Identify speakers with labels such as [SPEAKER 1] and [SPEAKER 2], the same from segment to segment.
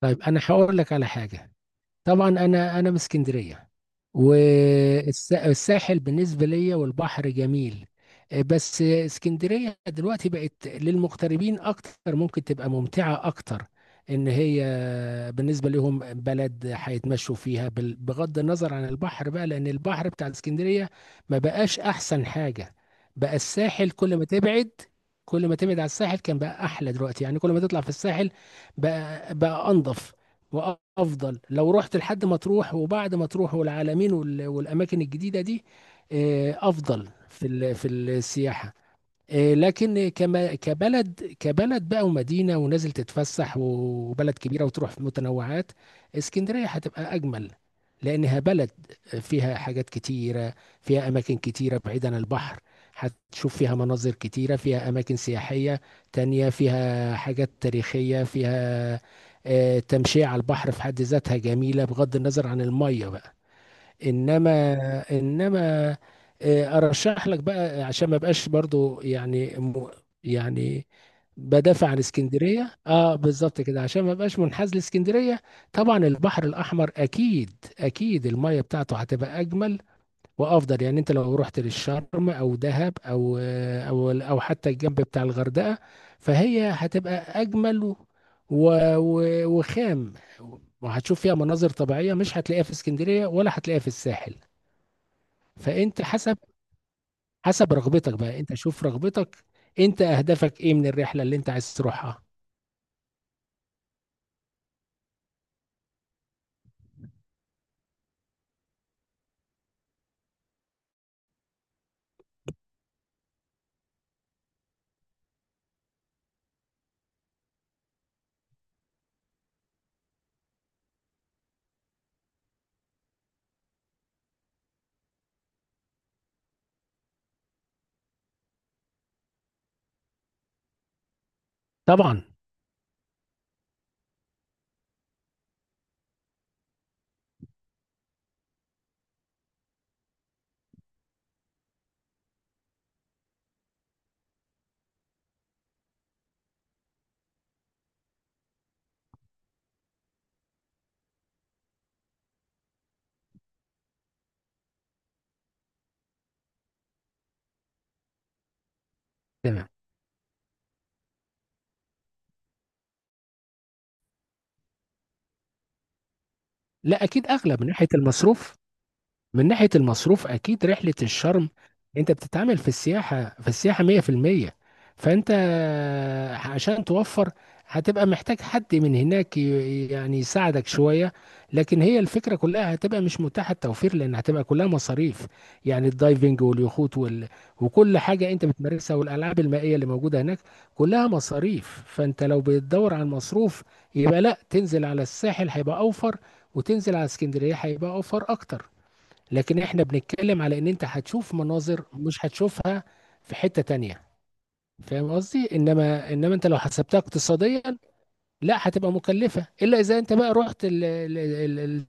[SPEAKER 1] طيب انا هقول لك على حاجه. طبعا انا من اسكندريه، والساحل بالنسبه ليا والبحر جميل. بس اسكندريه دلوقتي بقت للمغتربين اكتر، ممكن تبقى ممتعه اكتر ان هي بالنسبه لهم بلد هيتمشوا فيها بغض النظر عن البحر بقى، لان البحر بتاع اسكندريه ما بقاش احسن حاجه. بقى الساحل كل ما تبعد، على الساحل كان بقى احلى دلوقتي، يعني كل ما تطلع في الساحل بقى انضف. وافضل لو رحت لحد مطروح وبعد مطروح والعلمين والاماكن الجديده دي. افضل في السياحه. لكن كما كبلد كبلد بقى ومدينة ونازل تتفسح وبلد كبيرة وتروح في متنوعات، اسكندرية هتبقى أجمل. لأنها بلد فيها حاجات كتيرة، فيها أماكن كتيرة بعيد عن البحر. هتشوف فيها مناظر كتيرة، فيها أماكن سياحية تانية، فيها حاجات تاريخية فيها. تمشية على البحر في حد ذاتها جميلة بغض النظر عن المية بقى. انما انما ارشح لك بقى عشان ما بقاش برضو يعني يعني بدافع عن اسكندريه، بالظبط كده عشان ما بقاش منحاز لاسكندريه. طبعا البحر الاحمر اكيد، اكيد الميه بتاعته هتبقى اجمل وافضل، يعني انت لو رحت للشرم او دهب او حتى الجنب بتاع الغردقه، فهي هتبقى اجمل وخام. وهتشوف فيها مناظر طبيعيه مش هتلاقيها في اسكندريه ولا هتلاقيها في الساحل. فانت حسب رغبتك بقى، انت شوف رغبتك، انت اهدافك ايه من الرحله اللي انت عايز تروحها؟ طبعا. تمام. لا، اكيد اغلى من ناحيه المصروف، من ناحية المصروف أكيد رحلة الشرم. أنت بتتعامل في السياحة 100%. فأنت عشان توفر هتبقى محتاج حد من هناك يعني يساعدك شوية. لكن هي الفكرة كلها هتبقى مش متاحة التوفير، لأن هتبقى كلها مصاريف. يعني الدايفنج واليخوت وكل حاجة أنت بتمارسها والألعاب المائية اللي موجودة هناك كلها مصاريف. فأنت لو بتدور على المصروف، يبقى لا تنزل على الساحل هيبقى أوفر، وتنزل على اسكندرية هيبقى أوفر أكتر. لكن احنا بنتكلم على ان انت هتشوف مناظر مش هتشوفها في حتة تانية. فاهم قصدي؟ انما انت لو حسبتها اقتصاديا، لا هتبقى مكلفة الا اذا انت بقى رحت ال- ال- ال- ال-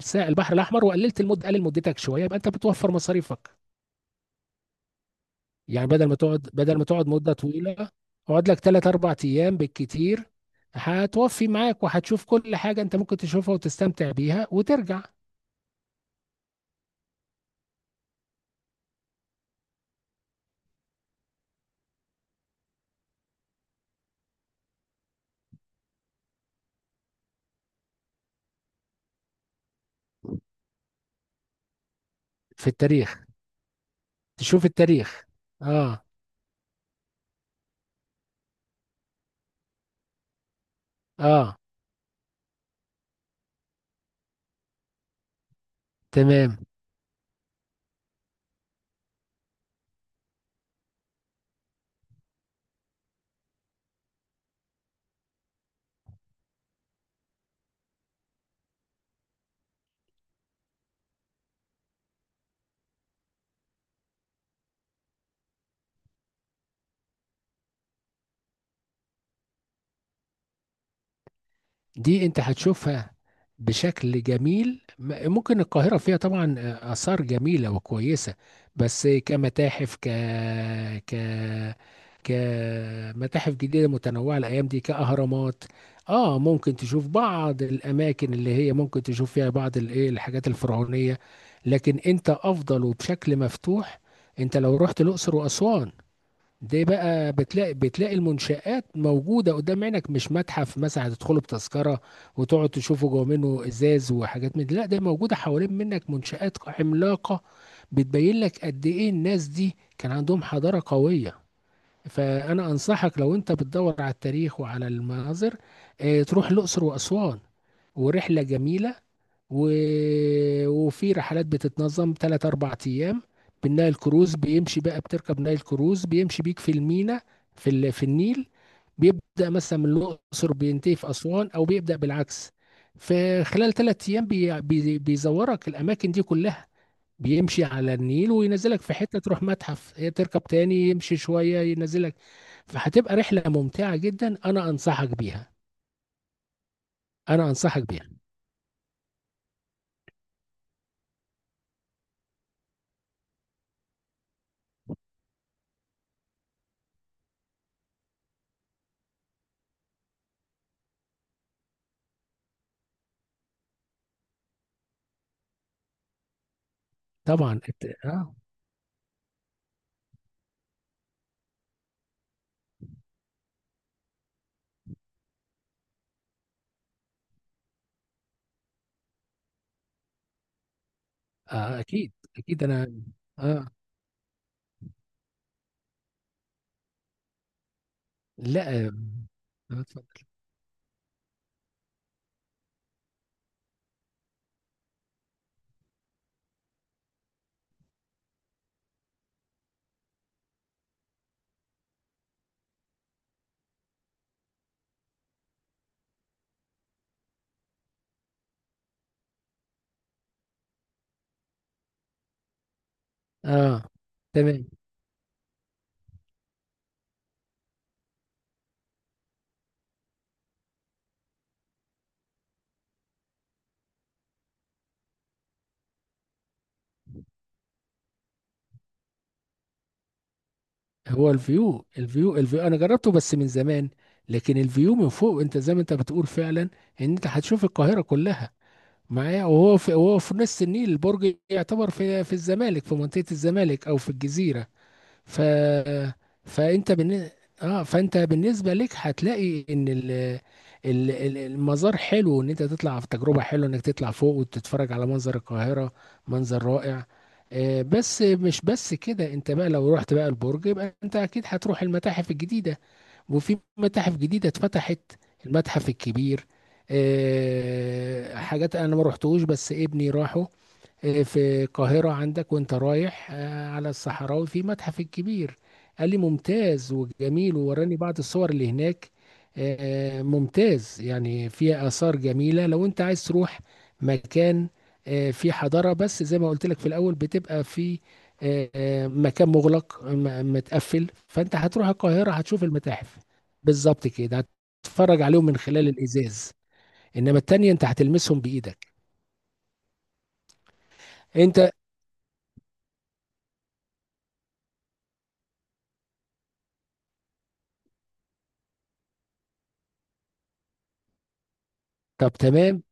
[SPEAKER 1] الس- البحر الاحمر وقللت المدة. قلل مدتك شوية يبقى انت بتوفر مصاريفك. يعني بدل ما تقعد مدة طويلة، اقعد لك 3 4 ايام بالكتير، هتوفي معاك وهتشوف كل حاجة انت ممكن تشوفها وتستمتع بيها وترجع. في التاريخ. تشوف التاريخ. اه، اه. تمام. دي انت هتشوفها بشكل جميل. ممكن القاهرة فيها طبعا آثار جميلة وكويسة. بس كمتاحف، ك ك كمتاحف جديدة متنوعة الأيام دي كأهرامات. اه ممكن تشوف بعض الأماكن اللي هي ممكن تشوف فيها بعض الايه الحاجات الفرعونية. لكن انت أفضل، وبشكل مفتوح انت لو رحت الأقصر وأسوان، دي بقى بتلاقي المنشآت موجودة قدام عينك، مش متحف مثلا هتدخله بتذكرة وتقعد تشوفه جوه منه إزاز وحاجات من دي. لا، ده موجودة حوالين منك منشآت عملاقة بتبين لك قد إيه الناس دي كان عندهم حضارة قوية. فأنا أنصحك لو أنت بتدور على التاريخ وعلى المناظر، تروح الأقصر وأسوان، ورحلة جميلة. و... وفي رحلات بتتنظم 3 4 أيام بالنايل كروز بيمشي بقى، بتركب نايل كروز بيمشي بيك في المينا، في النيل. بيبدأ مثلا من الأقصر بينتهي في أسوان أو بيبدأ بالعكس. فخلال 3 أيام بيزورك الأماكن دي كلها، بيمشي على النيل وينزلك في حتة تروح متحف، هي تركب تاني يمشي شوية ينزلك. فهتبقى رحلة ممتعة جدا. أنا أنصحك بيها. أنا أنصحك بيها. طبعا. آه، أكيد. أكيد أنا. آه. لا، اتفضل. آه، تمام. هو الفيو أنا جربته بس من زمان. لكن الفيو من فوق أنت زي ما أنت بتقول فعلا إن أنت هتشوف القاهرة كلها معايا. وهو في نص النيل، البرج يعتبر في الزمالك، في منطقة الزمالك أو في الجزيرة. ف فانت بالن... اه فانت بالنسبه لك هتلاقي ان المزار حلو، ان انت تطلع، في تجربه حلوه انك تطلع فوق وتتفرج على منظر القاهره. منظر رائع. بس مش بس كده، انت بقى لو رحت بقى البرج، يبقى انت اكيد هتروح المتاحف الجديده. وفي متاحف جديده اتفتحت، المتحف الكبير. حاجات انا ما رحتوش، بس ابني راحه. في القاهرة عندك وانت رايح على الصحراوي في متحف الكبير، قال لي ممتاز وجميل ووراني بعض الصور اللي هناك. ممتاز، يعني فيها آثار جميلة لو انت عايز تروح مكان فيه حضارة. بس زي ما قلت لك في الأول بتبقى في مكان مغلق، متقفل، فانت هتروح القاهرة هتشوف المتاحف بالظبط كده، هتتفرج عليهم من خلال الإزاز. انما التانية انت هتلمسهم بإيدك. انت. طب، تمام.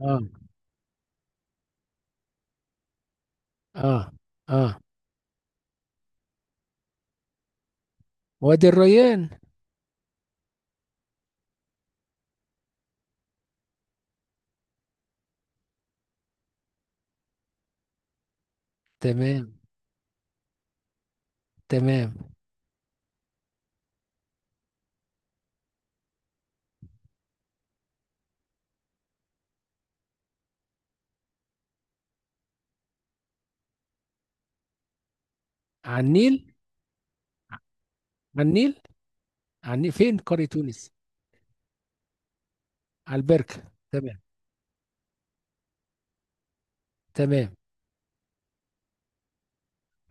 [SPEAKER 1] اه، اه، اه. وادي الريان. تمام. تمام. على النيل. على النيل. على النيل فين قرية تونس؟ على البركة. تمام. تمام.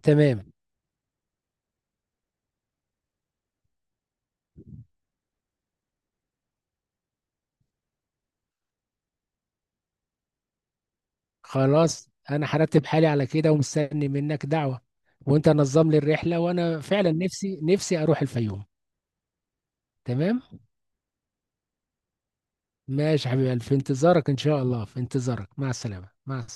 [SPEAKER 1] تمام. خلاص، انا هرتب حالي على كده ومستني منك دعوة. وانت نظم لي الرحلة، وانا فعلا نفسي نفسي اروح الفيوم. تمام. ماشي يا حبيبي، في انتظارك ان شاء الله، في انتظارك، مع السلامة، مع السلامة.